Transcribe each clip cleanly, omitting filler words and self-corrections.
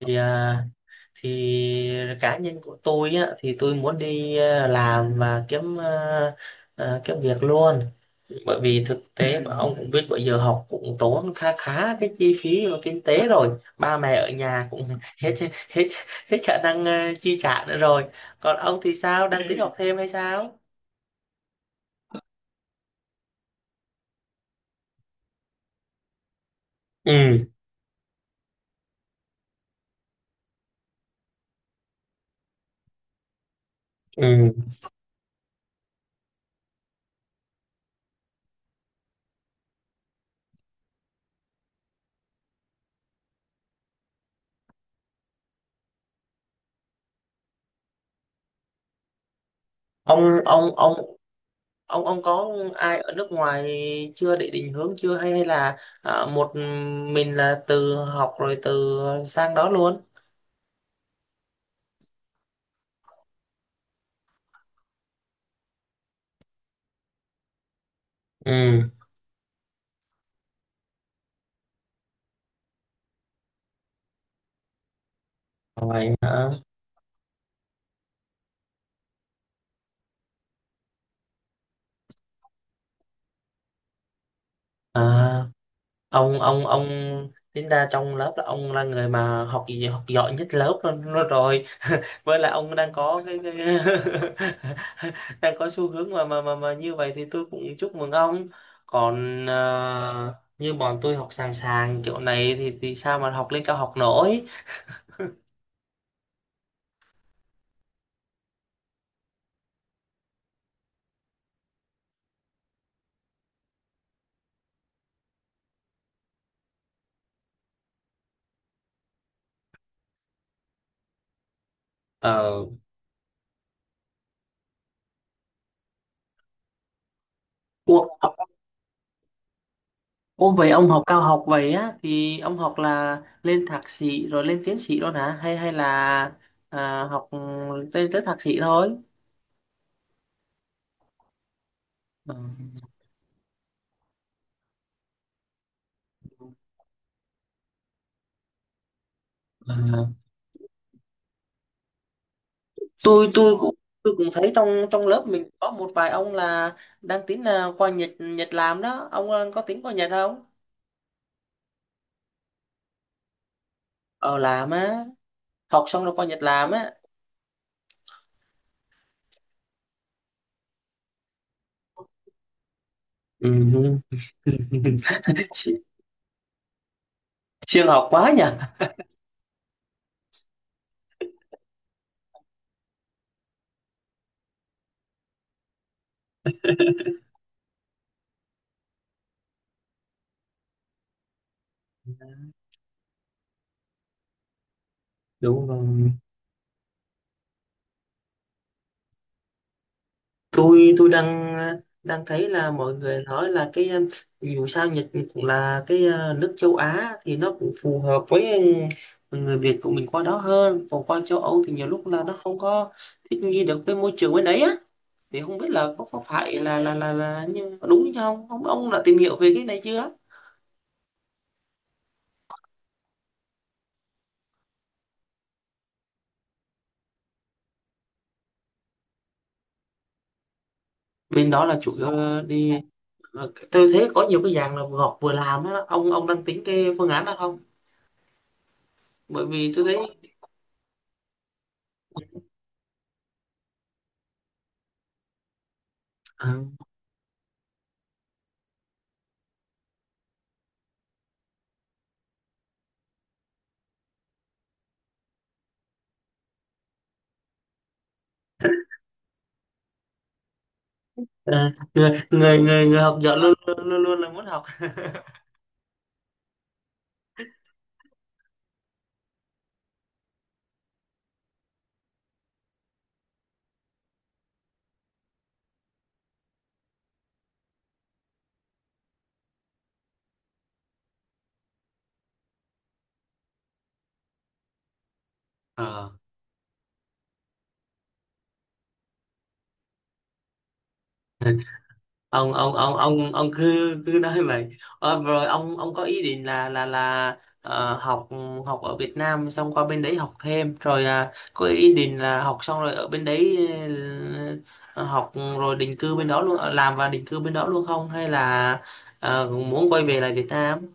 thì à, thì cá nhân của tôi á thì tôi muốn đi làm và kiếm việc luôn, bởi vì thực tế mà ông cũng biết bây giờ học cũng tốn khá khá cái chi phí và kinh tế rồi. Ba mẹ ở nhà cũng hết hết hết khả năng chi trả nữa rồi. Còn ông thì sao, đang tính học thêm hay sao? Ừ, ừ. Ông ông ông ông ông có ai ở nước ngoài chưa để định hướng chưa, hay hay là một mình là từ học rồi từ sang đó luôn? Ừ, vậy hả? À, ông ông ông tính ra trong lớp là ông là người mà học gì học giỏi nhất lớp luôn, luôn rồi, với lại ông đang có cái đang có xu hướng mà như vậy, thì tôi cũng chúc mừng ông. Còn như bọn tôi học sàng sàng kiểu này thì sao mà học lên cao học nổi. Ờ. Ủa, ủa, vậy ông học cao học vậy á, thì ông học là lên thạc sĩ rồi lên tiến sĩ luôn hả, hay hay là học tới thạc sĩ thôi? Ờ, ờ. tôi tôi cũng tôi cũng thấy trong trong lớp mình có một vài ông là đang tính là qua Nhật Nhật làm đó. Ông có tính qua Nhật không? Ờ, làm á? Học xong rồi qua Nhật làm á? Ừ. Siêng học quá nhỉ. Đúng rồi, tôi đang đang thấy là mọi người nói là cái dù sao Nhật là cái nước châu Á thì nó cũng phù hợp với người Việt của mình qua đó hơn, còn qua châu Âu thì nhiều lúc là nó không có thích nghi được với môi trường bên đấy á. Thì không biết là có phải là đúng chứ không? Ông đã tìm hiểu về cái này chưa? Bên đó là chủ yếu đi. Tôi thấy có nhiều cái dạng là ngọt vừa làm á, ông đang tính cái phương án đó không? Bởi vì tôi thấy. Ừ. Ờ, người người học giỏi luôn luôn là muốn học. Ờ. Ông cứ cứ nói vậy. Ờ, rồi ông có ý định là ờ, học học ở Việt Nam xong qua bên đấy học thêm, rồi có ý định là học xong rồi ở bên đấy, ờ, học rồi định cư bên đó luôn, làm và định cư bên đó luôn, không hay là muốn quay về lại Việt Nam?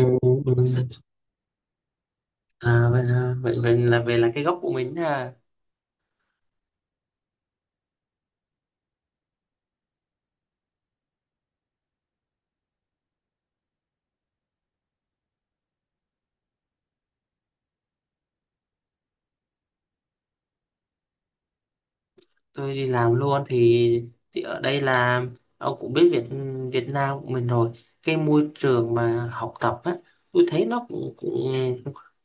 Ừ, ừ. À, vậy vậy là về là cái gốc của mình ha. Tôi đi làm luôn thì, ở đây là ông cũng biết Việt Việt Nam của mình rồi. Cái môi trường mà học tập á, tôi thấy nó cũng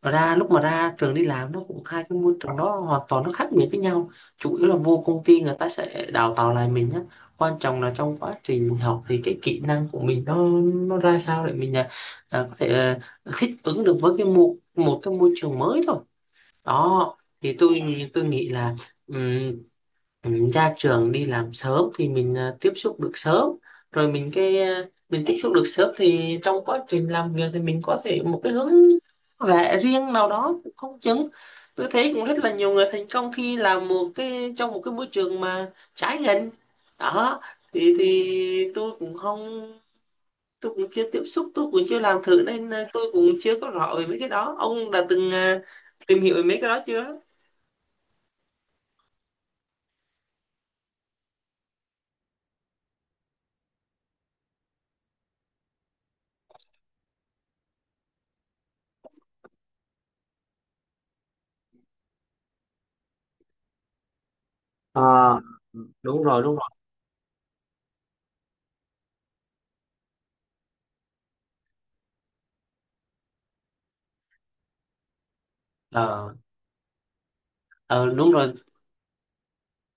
ra lúc mà ra trường đi làm, nó cũng hai cái môi trường đó hoàn toàn nó khác biệt với nhau. Chủ yếu là vô công ty người ta sẽ đào tạo lại mình á, quan trọng là trong quá trình mình học thì cái kỹ năng của mình nó ra sao để mình có thể thích ứng được với cái một một cái môi trường mới thôi đó. Thì tôi nghĩ là ừ, ra trường đi làm sớm thì mình tiếp xúc được sớm, rồi mình tiếp xúc được sớm thì trong quá trình làm việc thì mình có thể một cái hướng lẽ riêng nào đó cũng không chừng. Tôi thấy cũng rất là nhiều người thành công khi làm một cái, trong một cái môi trường mà trái ngành đó, thì tôi cũng không tôi cũng chưa tiếp xúc, tôi cũng chưa làm thử, nên tôi cũng chưa có rõ về mấy cái đó. Ông đã từng tìm hiểu về mấy cái đó chưa? Ờ, đúng rồi, đúng rồi. Ờ, ờ, đúng rồi,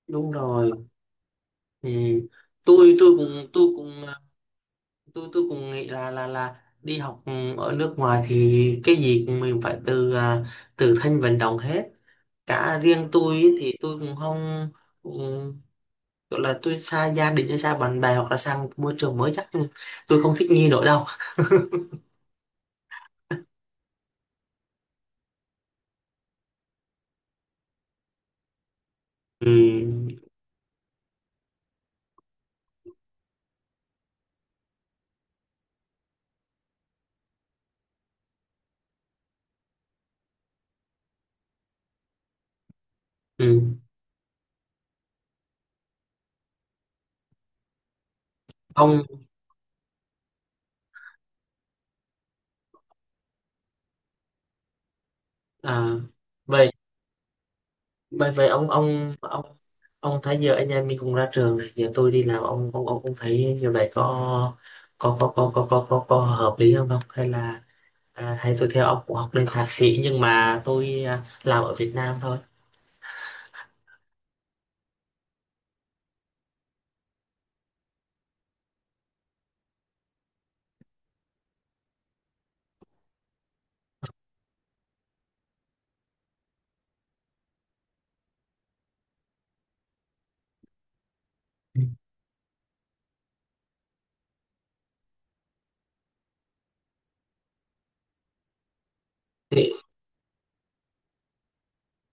đúng rồi. Ừ. Tôi cũng ờ, tôi cũng nghĩ là đi học ở nước ngoài thì cái gì cũng mình phải từ từ thân vận động hết cả, riêng tôi ý thì tôi cũng không um, gọi là tôi xa gia đình hay xa bạn bè hoặc là sang môi trường mới, chắc tôi không thích nghi nổi đâu. Ừ. Ừ. ông à, vậy vậy vậy ông thấy giờ anh em mình cũng ra trường rồi, giờ tôi đi làm, ông ông cũng thấy như vậy, có hợp lý không không hay là à, hay tôi theo ông cũng học lên thạc sĩ nhưng mà tôi làm ở Việt Nam thôi?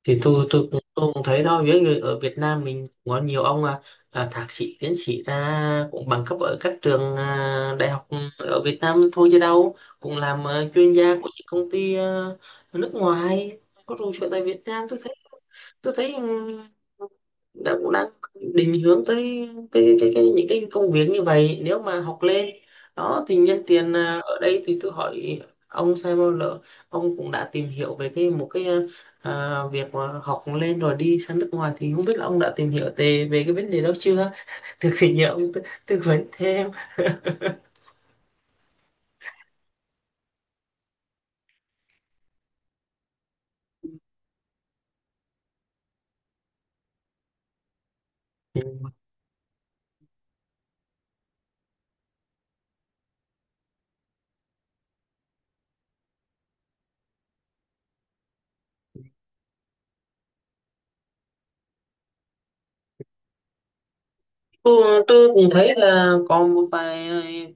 Thì tôi cũng thấy đó, ví dụ như ở Việt Nam mình cũng có nhiều ông thạc sĩ tiến sĩ ra cũng bằng cấp ở các trường đại học ở Việt Nam thôi, chứ đâu, cũng làm chuyên gia của những công ty nước ngoài có trụ sở tại Việt Nam. Tôi thấy, tôi thấy ừm, đã cũng đang định hướng tới cái những cái công việc như vậy, nếu mà học lên đó thì nhân tiền ở đây thì tôi hỏi ông xem, bao lỡ ông cũng đã tìm hiểu về cái một cái việc mà học lên rồi đi sang nước ngoài, thì không biết là ông đã tìm hiểu về về cái vấn đề đó chưa, từ khi nhờ ông tư vấn thêm. Ừ. Tôi cũng thấy là còn một vài,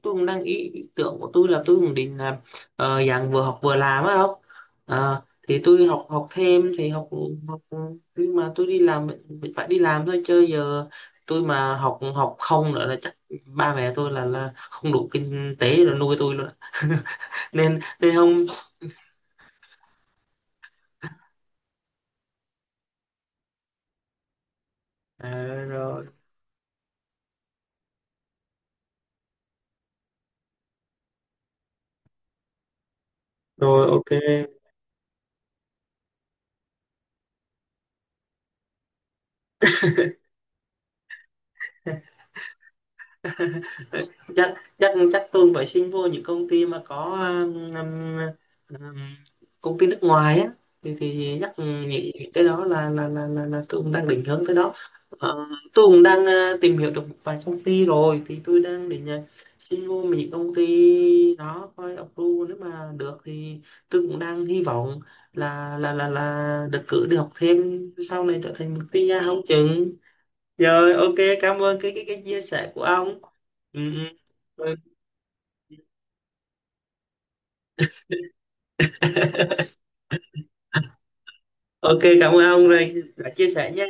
tôi cũng đang ý ý tưởng của tôi là tôi cũng định là dạng vừa học vừa làm á, không? Ờ, thì tôi học học thêm thì học học, nhưng mà tôi đi làm, mình phải đi làm thôi, chứ giờ tôi mà học học không nữa là chắc ba mẹ tôi là không đủ kinh tế rồi nuôi tôi luôn ạ. nên nên không. À, rồi, rồi, ok. chắc chắc chắc tôi phải xin vô những công ty mà có um, um, um, công ty nước ngoài á, thì chắc nghĩ cái đó là là tôi cũng đang định hướng tới đó. Ờ, tôi cũng đang tìm hiểu được một vài công ty rồi, thì tôi đang định xin vô những công ty đó coi approve, nếu mà được thì tôi cũng đang hy vọng là được cử đi học thêm, sau này trở thành một PR không chừng. Rồi, ok, cảm ơn cái chia sẻ của ông. Ừ, ừ. Ừ, ok, cảm ơn ông rồi đã chia sẻ nha.